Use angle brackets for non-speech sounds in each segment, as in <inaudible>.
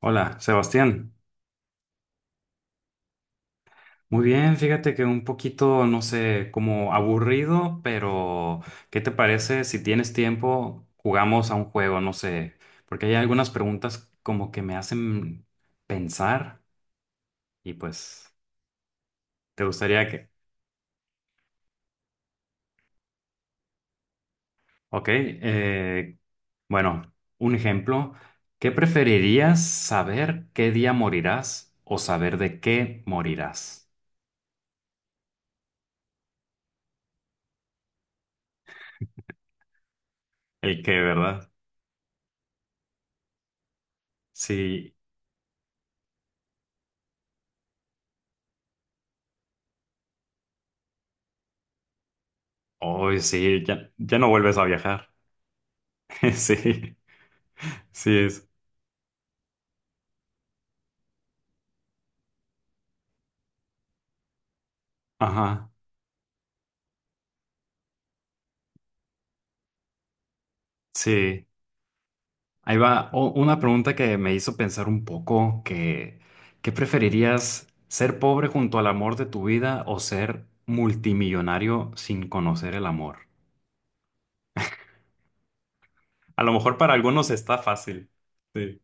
Hola, Sebastián. Muy bien, fíjate que un poquito, no sé, como aburrido, pero ¿qué te parece si tienes tiempo, jugamos a un juego, no sé, porque hay algunas preguntas como que me hacen pensar y pues te gustaría que... Ok, bueno, un ejemplo, ¿qué preferirías saber qué día morirás o saber de qué morirás? El qué, ¿verdad? Sí, hoy sí, ya, ya no vuelves a viajar. <laughs> Sí, sí es. Ajá, sí. Ahí va una pregunta que me hizo pensar un poco, que ¿qué preferirías, ser pobre junto al amor de tu vida o ser multimillonario sin conocer el amor? A lo mejor para algunos está fácil. Sí.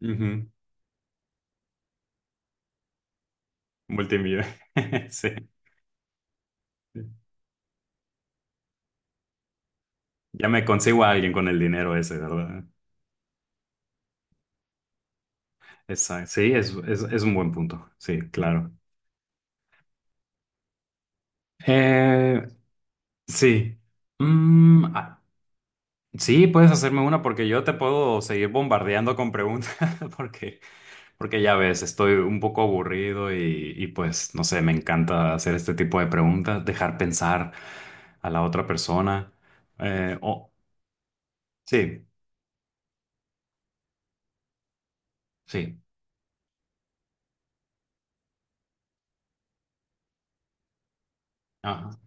Ujú. Multimillonario. <laughs> Sí. Ya me consigo a alguien con el dinero ese, ¿verdad? Exacto. Sí, es un buen punto. Sí, claro. Eh, sí. Mm, sí, puedes hacerme una porque yo te puedo seguir bombardeando con preguntas <laughs> porque, porque ya ves, estoy un poco aburrido y pues no sé, me encanta hacer este tipo de preguntas, dejar pensar a la otra persona. Eh, oh, sí, sí. Ajá.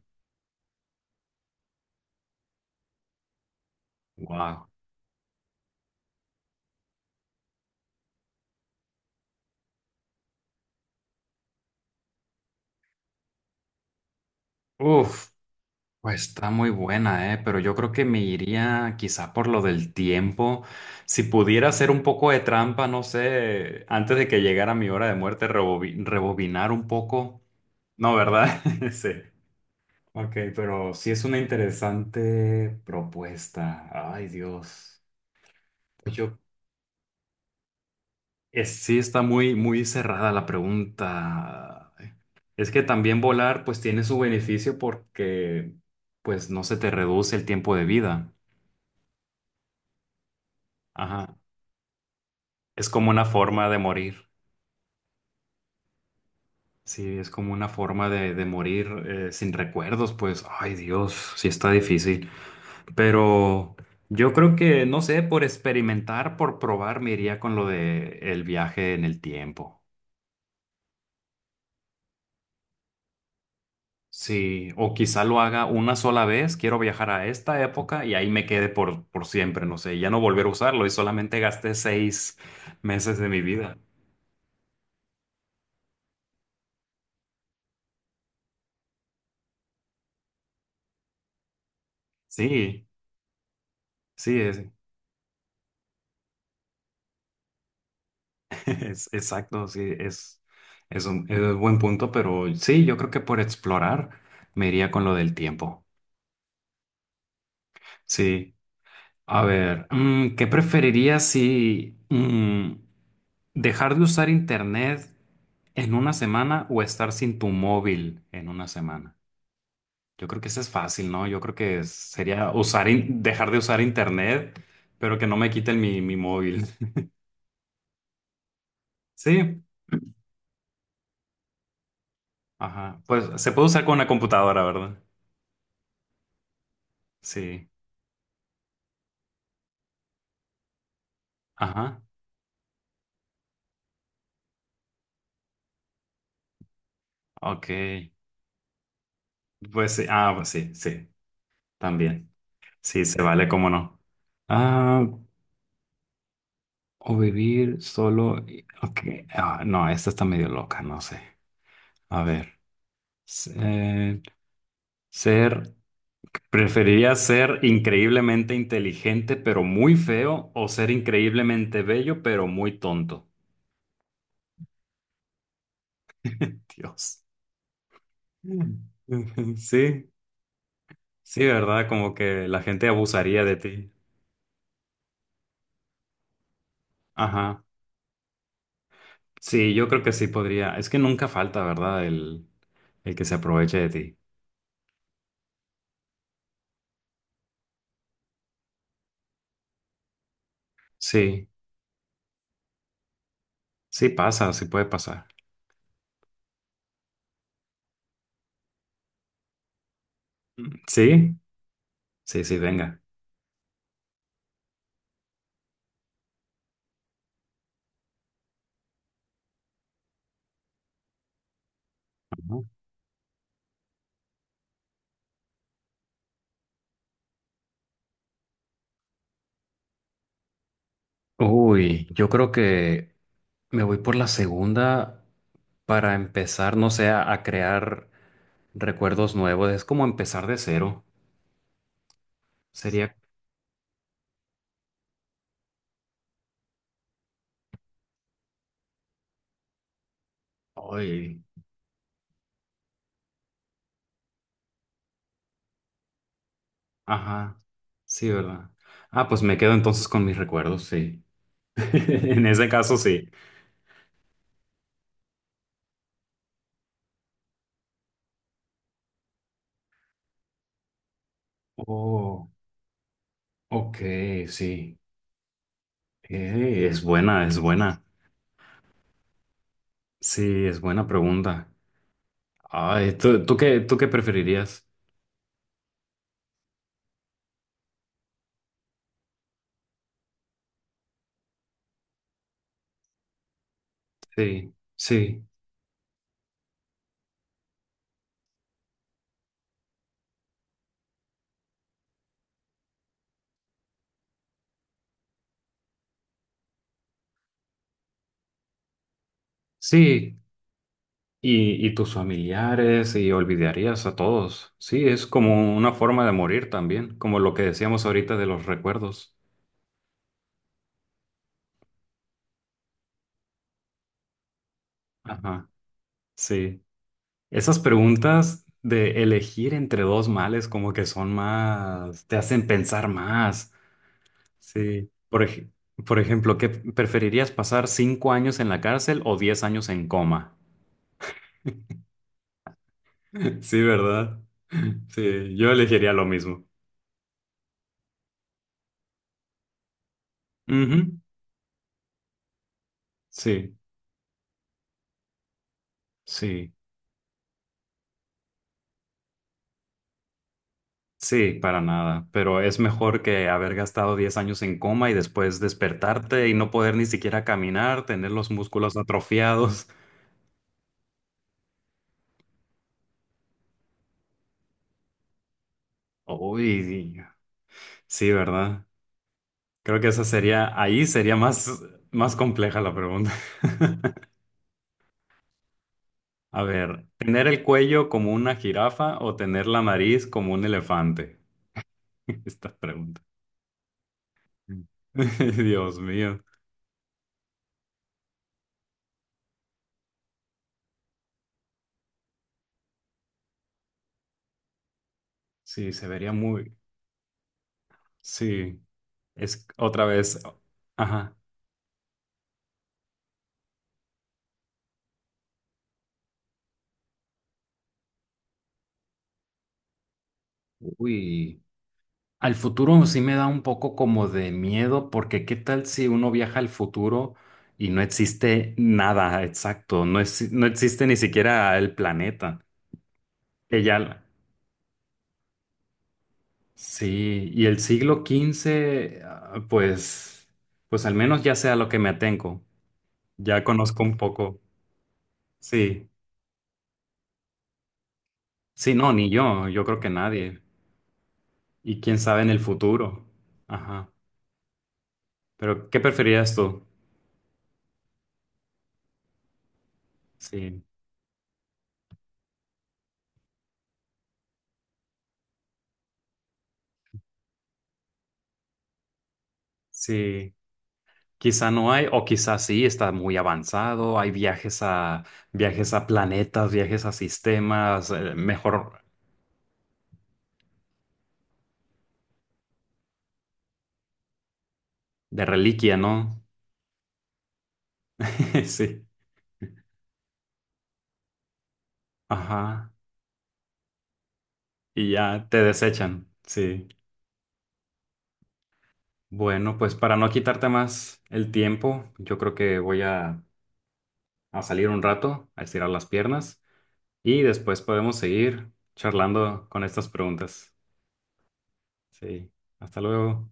Wow. Uf, pues está muy buena, pero yo creo que me iría quizá por lo del tiempo. Si pudiera hacer un poco de trampa, no sé, antes de que llegara mi hora de muerte, rebobinar un poco. No, ¿verdad? <laughs> Sí. Ok, pero sí es una interesante propuesta. Ay, Dios. Pues yo, sí está muy, muy cerrada la pregunta. Es que también volar, pues tiene su beneficio porque, pues no se te reduce el tiempo de vida. Ajá. Es como una forma de morir. Sí, es como una forma de morir sin recuerdos, pues, ay, Dios, sí está difícil. Pero yo creo que, no sé, por experimentar, por probar, me iría con lo de el viaje en el tiempo. Sí, o quizá lo haga una sola vez, quiero viajar a esta época y ahí me quede por siempre, no sé, y ya no volver a usarlo y solamente gasté 6 meses de mi vida. Sí, sí, es, <laughs> es exacto, sí, es un buen punto, pero sí, yo creo que por explorar me iría con lo del tiempo. Sí. A ver, ¿qué preferirías si dejar de usar internet en una semana o estar sin tu móvil en una semana? Yo creo que eso es fácil, ¿no? Yo creo que sería dejar de usar internet, pero que no me quiten mi, mi móvil. <laughs> Sí, ajá. Pues se puede usar con una computadora, ¿verdad? Sí, ajá. Ok. Pues sí, ah, pues sí, sí, también. Sí, se vale, cómo no. Ah. O vivir solo. Ok. Ah, no, esta está medio loca, no sé. A ver. Ser, ser. ¿Preferirías ser increíblemente inteligente pero muy feo o ser increíblemente bello pero muy tonto? Dios. Mm. <laughs> Sí, sí, ¿verdad? Como que la gente abusaría de ti. Ajá. Sí, yo creo que sí podría. Es que nunca falta, ¿verdad? El que se aproveche de ti. Sí, sí pasa, sí puede pasar. Mm. ¿Sí? Sí, sí, venga. Ujú. Uy, yo creo que me voy por la segunda para empezar, no sé, a crear recuerdos nuevos. Es como empezar de cero. Sería... Uy, ajá. Sí, ¿verdad? Ah, pues me quedo entonces con mis recuerdos, sí. <laughs> En ese caso, sí. Oh, ok, sí. Es buena, es buena. Sí, es buena pregunta. Ay, ¿tú qué preferirías? Sí, sí, sí. Y tus familiares y olvidarías a todos. Sí, es como una forma de morir también, como lo que decíamos ahorita de los recuerdos. Ajá, sí. Esas preguntas de elegir entre dos males como que son más, te hacen pensar más. Sí. Por ejemplo, ¿qué preferirías pasar 5 años en la cárcel o 10 años en coma? <laughs> Sí, ¿verdad? Sí, yo elegiría lo mismo. Ujú, sí, sí. Sí, para nada, pero es mejor que haber gastado 10 años en coma y después despertarte y no poder ni siquiera caminar, tener los músculos atrofiados. Uy, sí, ¿verdad? Creo que esa sería, más compleja la pregunta. <laughs> A ver, ¿tener el cuello como una jirafa o tener la nariz como un elefante? <laughs> Esta pregunta. Mm. <laughs> Dios mío. Sí, se vería muy... Sí, es otra vez... Ajá. Uy. Al futuro sí me da un poco como de miedo, porque ¿qué tal si uno viaja al futuro y no existe nada exacto? No, no existe ni siquiera el planeta. Ella, sí, y el siglo quince pues, pues al menos ya sé a lo que me atengo. Ya conozco un poco. Sí, sí, no, ni yo, yo creo que nadie. Y quién sabe en el futuro. Ajá. Pero, ¿qué preferirías tú? Sí, sí. Quizá no hay, o quizá sí, está muy avanzado, hay viajes a viajes a planetas, viajes a sistemas, mejor de reliquia, ¿no? <laughs> Sí. Ajá. Y ya te desechan. Sí. Bueno, pues para no quitarte más el tiempo, yo creo que voy a salir un rato, a estirar las piernas y después podemos seguir charlando con estas preguntas. Sí. Hasta luego.